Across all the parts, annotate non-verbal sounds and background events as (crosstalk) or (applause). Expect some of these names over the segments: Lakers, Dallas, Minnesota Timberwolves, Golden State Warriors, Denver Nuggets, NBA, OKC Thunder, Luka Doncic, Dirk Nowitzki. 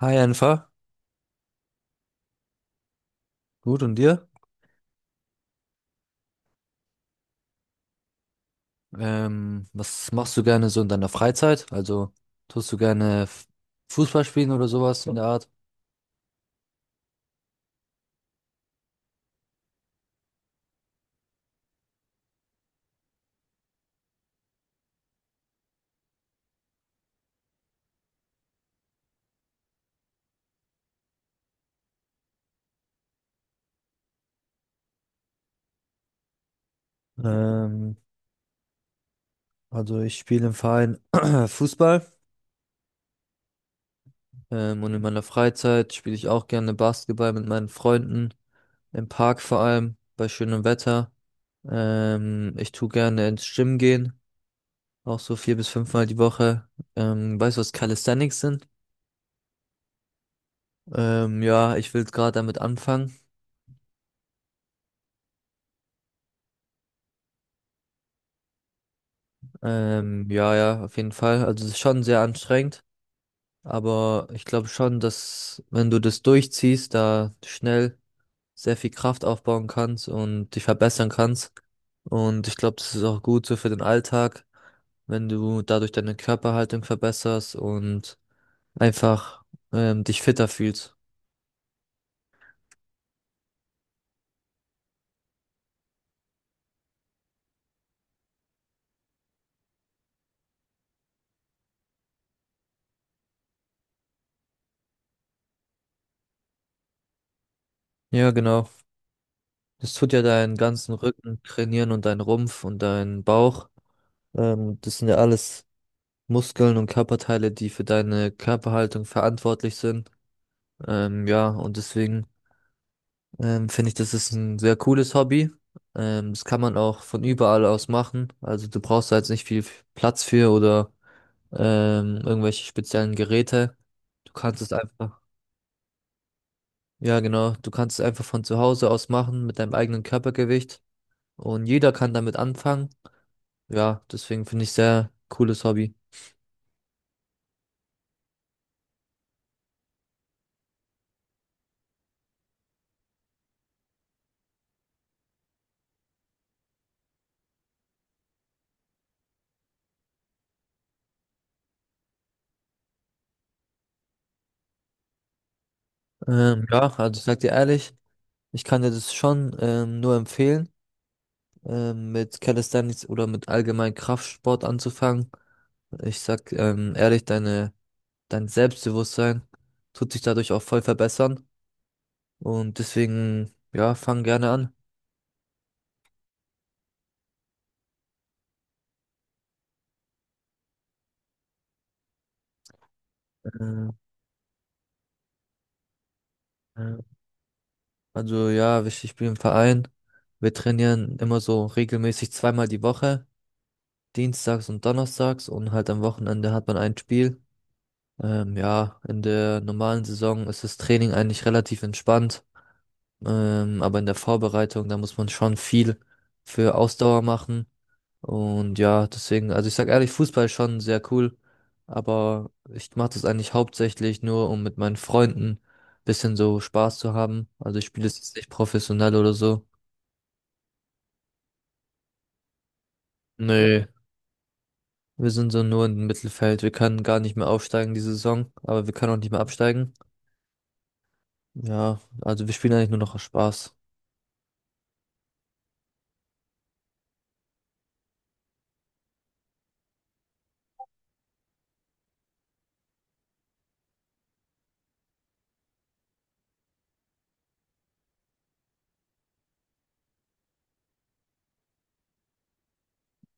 Hi Enfer, gut und dir? Was machst du gerne so in deiner Freizeit? Also tust du gerne Fußball spielen oder sowas in der Art? Ähm, also ich spiele im Verein (clears throat) Fußball und in meiner Freizeit spiele ich auch gerne Basketball mit meinen Freunden, im Park vor allem, bei schönem Wetter. Ich tue gerne ins Gym gehen, auch so vier bis fünfmal die Woche. Weißt du, was Calisthenics sind? Ja, ich will gerade damit anfangen. Ja, auf jeden Fall. Also es ist schon sehr anstrengend, aber ich glaube schon, dass wenn du das durchziehst, da schnell sehr viel Kraft aufbauen kannst und dich verbessern kannst. Und ich glaube, das ist auch gut so für den Alltag, wenn du dadurch deine Körperhaltung verbesserst und einfach dich fitter fühlst. Ja, genau. Das tut ja deinen ganzen Rücken trainieren und deinen Rumpf und deinen Bauch. Das sind ja alles Muskeln und Körperteile, die für deine Körperhaltung verantwortlich sind. Ja, und deswegen finde ich, das ist ein sehr cooles Hobby. Das kann man auch von überall aus machen. Also du brauchst da jetzt nicht viel Platz für oder irgendwelche speziellen Geräte. Du kannst es einfach, ja genau, du kannst es einfach von zu Hause aus machen mit deinem eigenen Körpergewicht. Und jeder kann damit anfangen. Ja, deswegen finde ich sehr cooles Hobby. Ja, also ich sag dir ehrlich, ich kann dir das schon nur empfehlen, mit Calisthenics oder mit allgemein Kraftsport anzufangen. Ich sag ehrlich, dein Selbstbewusstsein tut sich dadurch auch voll verbessern. Und deswegen, ja, fang gerne an. Ähm, äh, Also ja, wichtig, ich bin im Verein. Wir trainieren immer so regelmäßig zweimal die Woche, dienstags und donnerstags und halt am Wochenende hat man ein Spiel. Ja, in der normalen Saison ist das Training eigentlich relativ entspannt. Aber in der Vorbereitung, da muss man schon viel für Ausdauer machen. Und ja, deswegen, also ich sag ehrlich, Fußball ist schon sehr cool. Aber ich mache das eigentlich hauptsächlich nur, um mit meinen Freunden bisschen so Spaß zu haben. Also ich spiele es jetzt nicht professionell oder so. Nee. Wir sind so nur im Mittelfeld. Wir können gar nicht mehr aufsteigen diese Saison, aber wir können auch nicht mehr absteigen. Ja, also wir spielen eigentlich nur noch aus Spaß.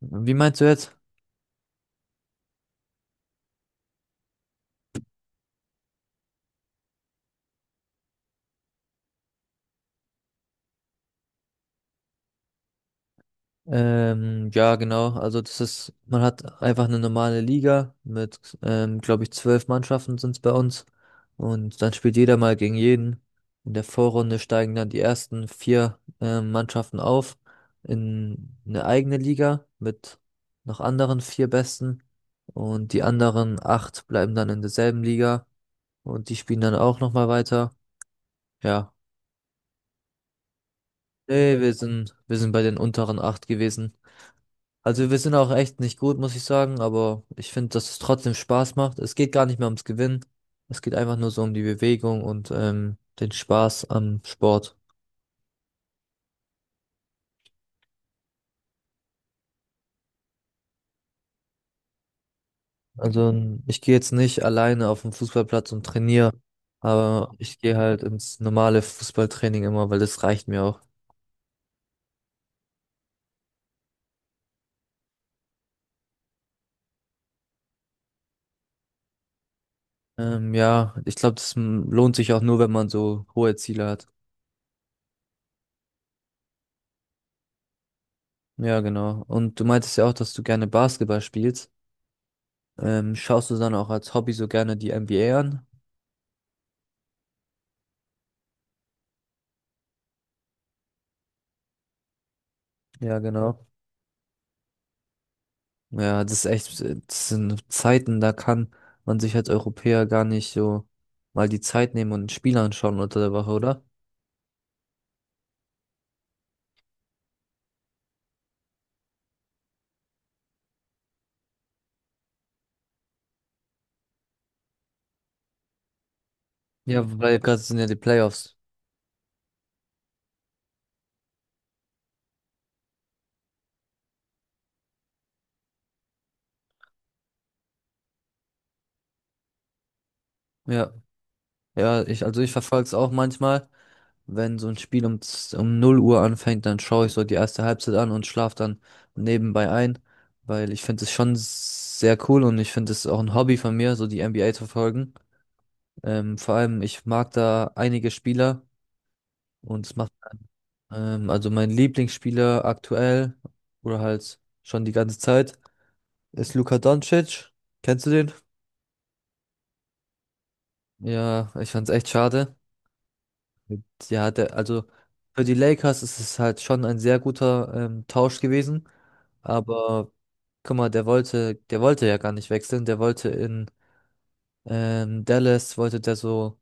Wie meinst du jetzt? Ja, genau. Also das ist, man hat einfach eine normale Liga mit, glaube ich, zwölf Mannschaften sind es bei uns. Und dann spielt jeder mal gegen jeden. In der Vorrunde steigen dann die ersten vier, Mannschaften auf in eine eigene Liga mit noch anderen vier Besten. Und die anderen acht bleiben dann in derselben Liga und die spielen dann auch nochmal weiter. Ja. Nee, wir sind bei den unteren acht gewesen. Also wir sind auch echt nicht gut, muss ich sagen, aber ich finde, dass es trotzdem Spaß macht. Es geht gar nicht mehr ums Gewinnen. Es geht einfach nur so um die Bewegung und den Spaß am Sport. Ich gehe jetzt nicht alleine auf den Fußballplatz und trainiere, aber ich gehe halt ins normale Fußballtraining immer, weil das reicht mir auch. Ja, ich glaube, lohnt sich auch nur, wenn man so hohe Ziele hat. Ja, genau. Und du meintest ja auch, dass du gerne Basketball spielst. Schaust du dann auch als Hobby so gerne die NBA an? Ja, genau. Ja, das ist echt, das sind Zeiten, da kann man sich als Europäer gar nicht so mal die Zeit nehmen und ein Spiel anschauen unter der Woche, oder? Ja, weil gerade sind ja die Playoffs. Ja, ja, also ich verfolge es auch manchmal, wenn so ein Spiel um 0 Uhr anfängt, dann schaue ich so die erste Halbzeit an und schlafe dann nebenbei ein, weil ich finde es schon sehr cool und ich finde es auch ein Hobby von mir, so die NBA zu verfolgen. Vor allem, ich mag da einige Spieler und es macht. Also mein Lieblingsspieler aktuell oder halt schon die ganze Zeit ist Luka Doncic. Kennst du den? Ja, ich fand's echt schade. Ja, also für die Lakers ist es halt schon ein sehr guter Tausch gewesen. Aber guck mal, der wollte ja gar nicht wechseln. Der wollte in Dallas, wollte der so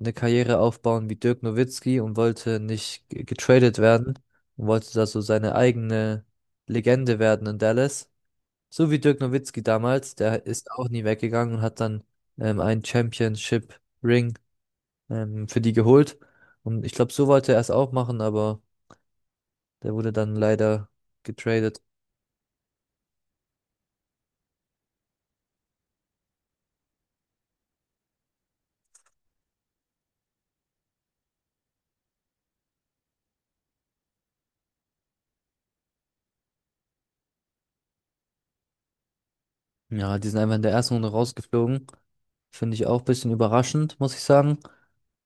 eine Karriere aufbauen wie Dirk Nowitzki und wollte nicht getradet werden und wollte da so seine eigene Legende werden in Dallas. So wie Dirk Nowitzki damals, der ist auch nie weggegangen und hat dann einen Championship-Ring für die geholt. Und ich glaube, so wollte er es auch machen, aber der wurde dann leider getradet. Ja, die sind einfach in der ersten Runde rausgeflogen. Finde ich auch ein bisschen überraschend, muss ich sagen.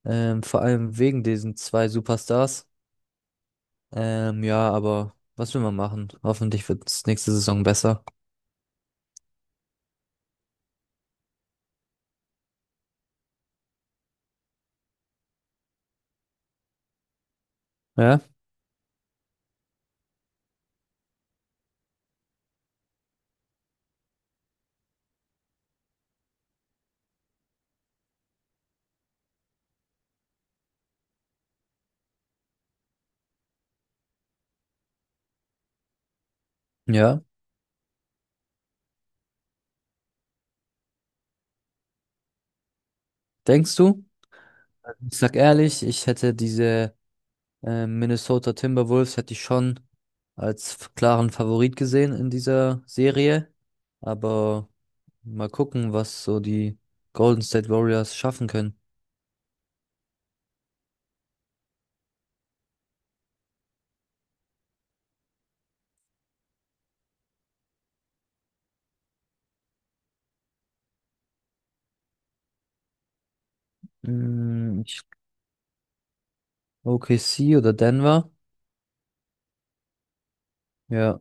Vor allem wegen diesen zwei Superstars. Ja, aber was will man machen? Hoffentlich wird es nächste Saison besser. Ja? Ja. Denkst du? Ich sag ehrlich, ich hätte diese Minnesota Timberwolves hätte ich schon als klaren Favorit gesehen in dieser Serie. Aber mal gucken, was so die Golden State Warriors schaffen können. Mm, ich- OKC oder Denver? Ja.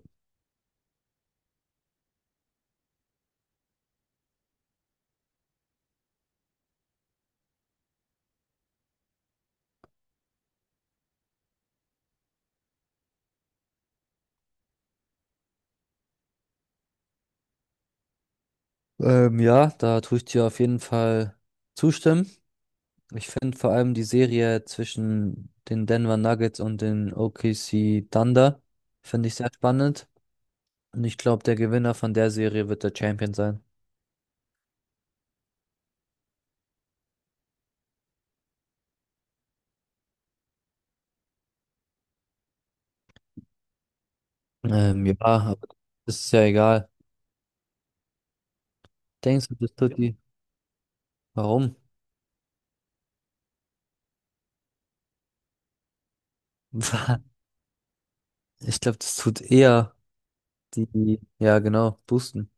Ja, da tue ich dir auf jeden Fall zustimmen. Ich finde vor allem die Serie zwischen den Denver Nuggets und den OKC Thunder finde ich sehr spannend. Und ich glaube, der Gewinner von der Serie wird der Champion sein. Ja, aber das ist ja egal. Denkst du, das tut die? Warum? (laughs) Ich glaube, das tut eher die, ja, genau, boosten.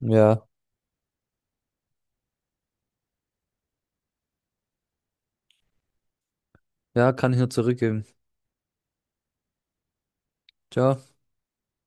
Ja, ja, kann ich nur zurückgeben. Ciao.